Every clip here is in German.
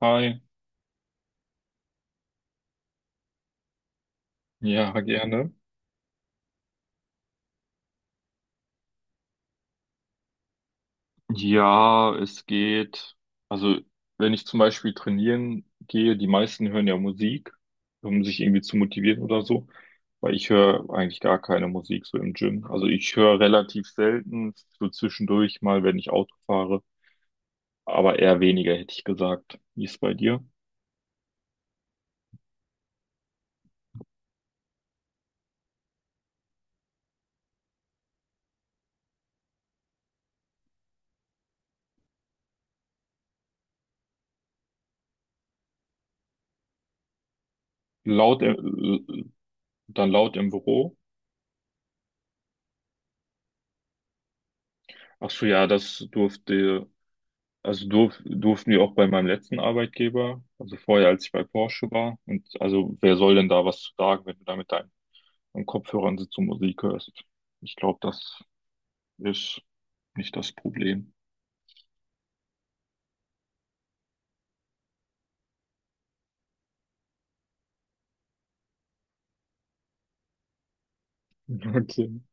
Hi, ja, gerne. Ja, es geht. Also, wenn ich zum Beispiel trainieren gehe, die meisten hören ja Musik, um sich irgendwie zu motivieren oder so, weil ich höre eigentlich gar keine Musik so im Gym. Also, ich höre relativ selten, so zwischendurch mal, wenn ich Auto fahre, aber eher weniger, hätte ich gesagt. Wie ist es bei dir? Laut, im- äh, Dann laut im Büro. Ach so, ja, das durfte. Also durften wir auch bei meinem letzten Arbeitgeber, also vorher, als ich bei Porsche war. Und also wer soll denn da was zu sagen, wenn du da mit deinen Kopfhörern sitzt und Musik hörst? Ich glaube, das ist nicht das Problem.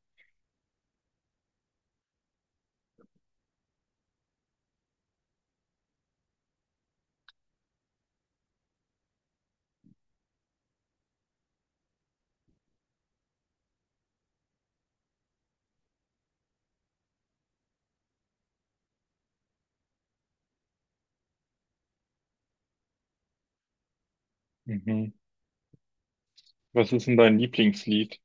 Okay. Mhm. Was ist denn dein Lieblingslied?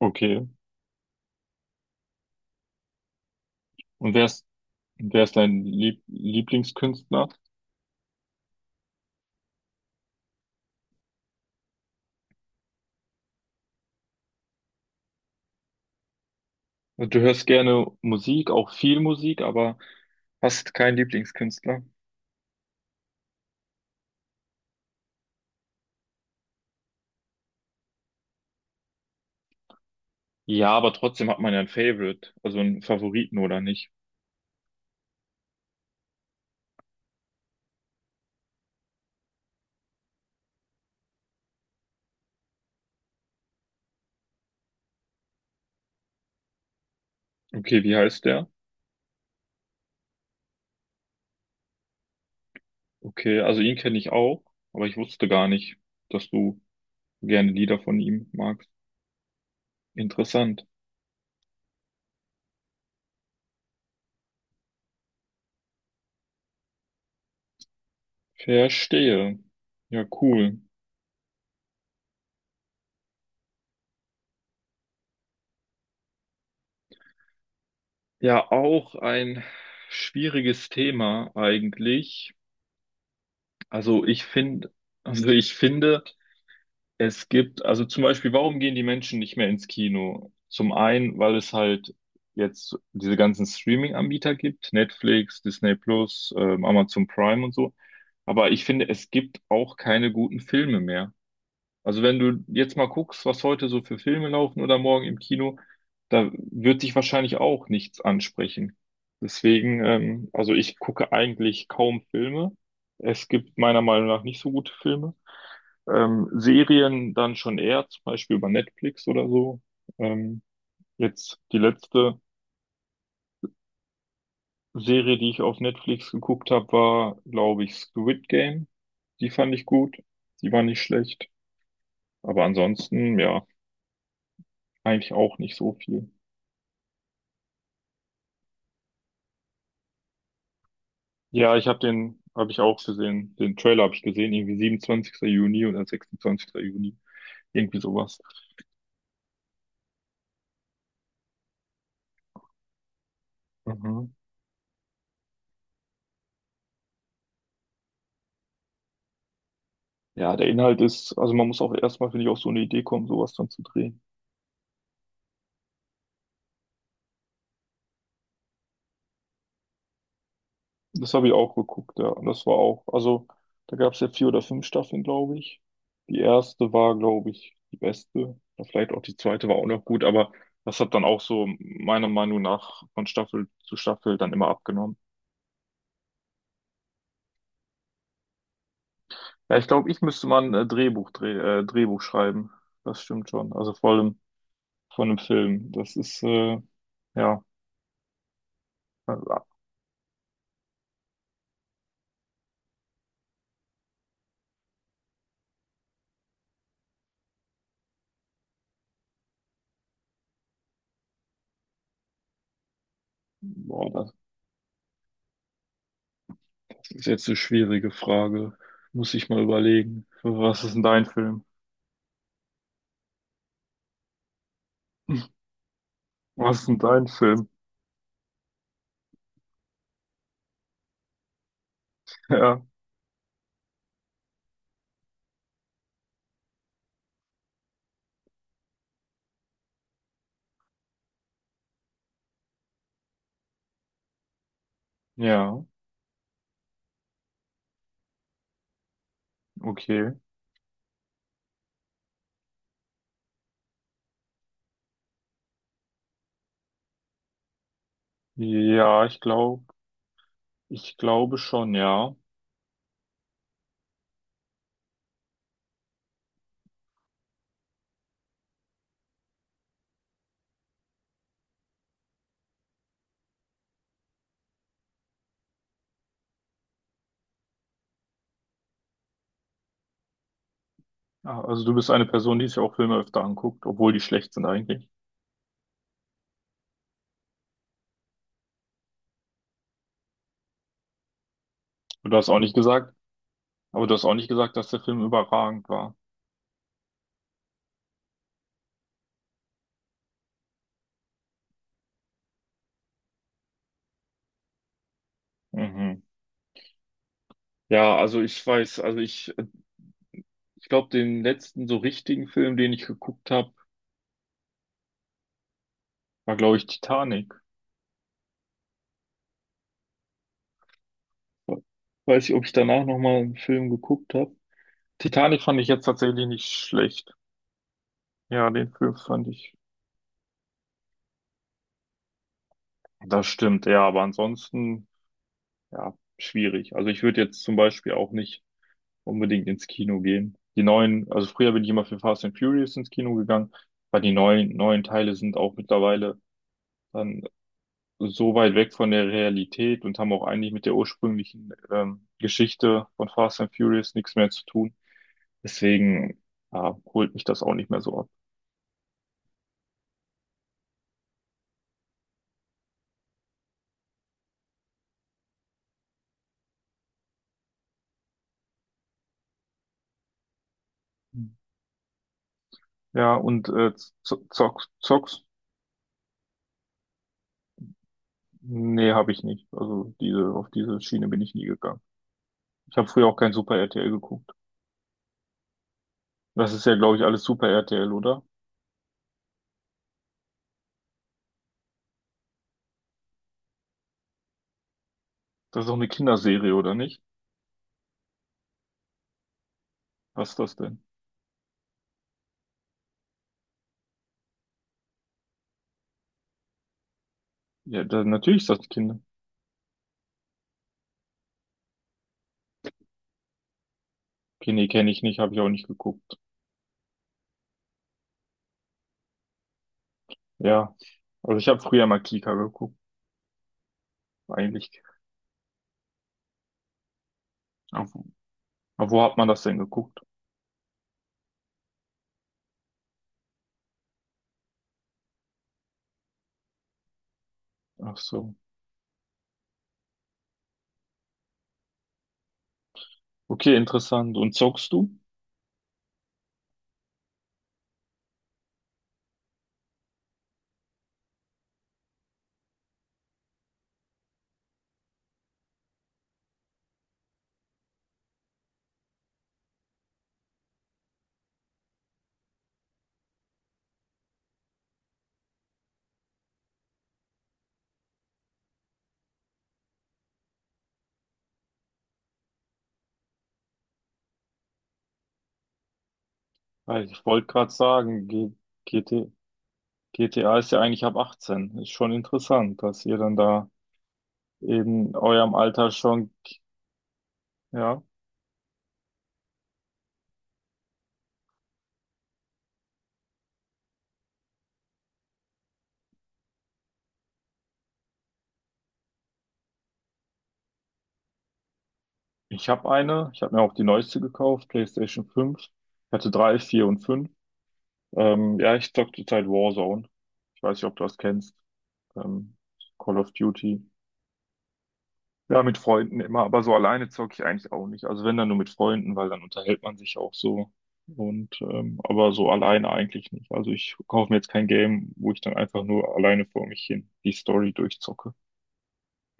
Okay. Und wer ist dein Lieblingskünstler? Du hörst gerne Musik, auch viel Musik, aber hast keinen Lieblingskünstler? Ja, aber trotzdem hat man ja ein Favorite, also einen Favoriten oder nicht. Okay, wie heißt der? Okay, also ihn kenne ich auch, aber ich wusste gar nicht, dass du gerne Lieder von ihm magst. Interessant. Verstehe. Ja, cool. Ja, auch ein schwieriges Thema eigentlich. Also ich finde, also ich finde, also zum Beispiel, warum gehen die Menschen nicht mehr ins Kino? Zum einen, weil es halt jetzt diese ganzen Streaming-Anbieter gibt, Netflix, Disney Plus, Amazon Prime und so. Aber ich finde, es gibt auch keine guten Filme mehr. Also wenn du jetzt mal guckst, was heute so für Filme laufen oder morgen im Kino, da wird dich wahrscheinlich auch nichts ansprechen. Deswegen also ich gucke eigentlich kaum Filme. Es gibt meiner Meinung nach nicht so gute Filme. Serien dann schon eher, zum Beispiel über Netflix oder so. Ähm, Jetzt die letzte Serie, die ich auf Netflix geguckt habe, war, glaube ich, Squid Game. Die fand ich gut. Die war nicht schlecht. Aber ansonsten, ja, eigentlich auch nicht so viel. Ja, habe ich auch gesehen. Den Trailer habe ich gesehen, irgendwie 27. Juni oder 26. Juni. Irgendwie sowas. Mhm. Ja, der Inhalt ist, also man muss auch erstmal, finde ich, auf so eine Idee kommen, sowas dann zu drehen. Das habe ich auch geguckt, ja. Und das war auch, also da gab es ja vier oder fünf Staffeln, glaube ich. Die erste war, glaube ich, die beste. Ja, vielleicht auch die zweite war auch noch gut, aber das hat dann auch so meiner Meinung nach von Staffel zu Staffel dann immer abgenommen. Ja, ich glaube, ich müsste mal ein Drehbuch schreiben. Das stimmt schon. Also vor allem von einem Film. Das ist, ja, äh, boah, das, Das ist jetzt eine schwierige Frage. Muss ich mal überlegen. Was ist denn dein Film? Was ist denn dein Film? Ja, ja, okay. Ja, ich glaube, Ich glaube schon, ja. Ah, also du bist eine Person, die sich auch Filme öfter anguckt, obwohl die schlecht sind eigentlich. Und Du hast auch nicht gesagt, Aber du hast auch nicht gesagt, dass der Film überragend war. Mhm. Also ich glaube, den letzten so richtigen Film, den ich geguckt habe, war, glaube ich, Titanic. Weiß ich, ob ich danach nochmal einen Film geguckt habe. Titanic fand ich jetzt tatsächlich nicht schlecht. Ja, den Film fand ich. Das stimmt, ja, aber ansonsten, ja, schwierig. Also ich würde jetzt zum Beispiel auch nicht unbedingt ins Kino gehen. Also früher bin ich immer für Fast and Furious ins Kino gegangen, weil die neuen Teile sind auch mittlerweile dann so weit weg von der Realität und haben auch eigentlich mit der ursprünglichen Geschichte von Fast and Furious nichts mehr zu tun. Deswegen ja, holt mich das auch nicht mehr so ab. Ja, und Zocks? Nee, habe ich nicht. Also diese, auf diese Schiene bin ich nie gegangen. Ich habe früher auch kein Super RTL geguckt. Das ist ja, glaube ich, alles Super RTL, oder? Das ist doch eine Kinderserie, oder nicht? Was ist das denn? Ja, da, natürlich ist das Kinder. Okay, nee, kenne ich nicht, habe ich auch nicht geguckt. Ja, also ich habe früher mal Kika geguckt, eigentlich. Auf, auf wo hat man das denn geguckt? Ach so. Okay, interessant. Und zockst du? Weil ich wollte gerade sagen, G GT GTA ist ja eigentlich ab 18. Ist schon interessant, dass ihr dann da in eurem Alter schon, ja. Ich habe eine, ich habe mir auch die neueste gekauft, PlayStation 5. Ich hatte drei, vier und fünf. Ja, ich zocke zurzeit Warzone. Ich weiß nicht, ob du das kennst. Ähm, Call of Duty. Ja, mit Freunden immer, aber so alleine zocke ich eigentlich auch nicht. Also wenn dann nur mit Freunden, weil dann unterhält man sich auch so. Und aber so alleine eigentlich nicht. Also ich kaufe mir jetzt kein Game, wo ich dann einfach nur alleine vor mich hin die Story durchzocke.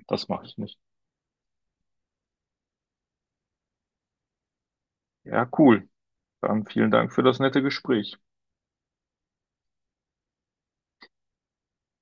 Das mache ich nicht. Ja, cool. Dann vielen Dank für das nette Gespräch.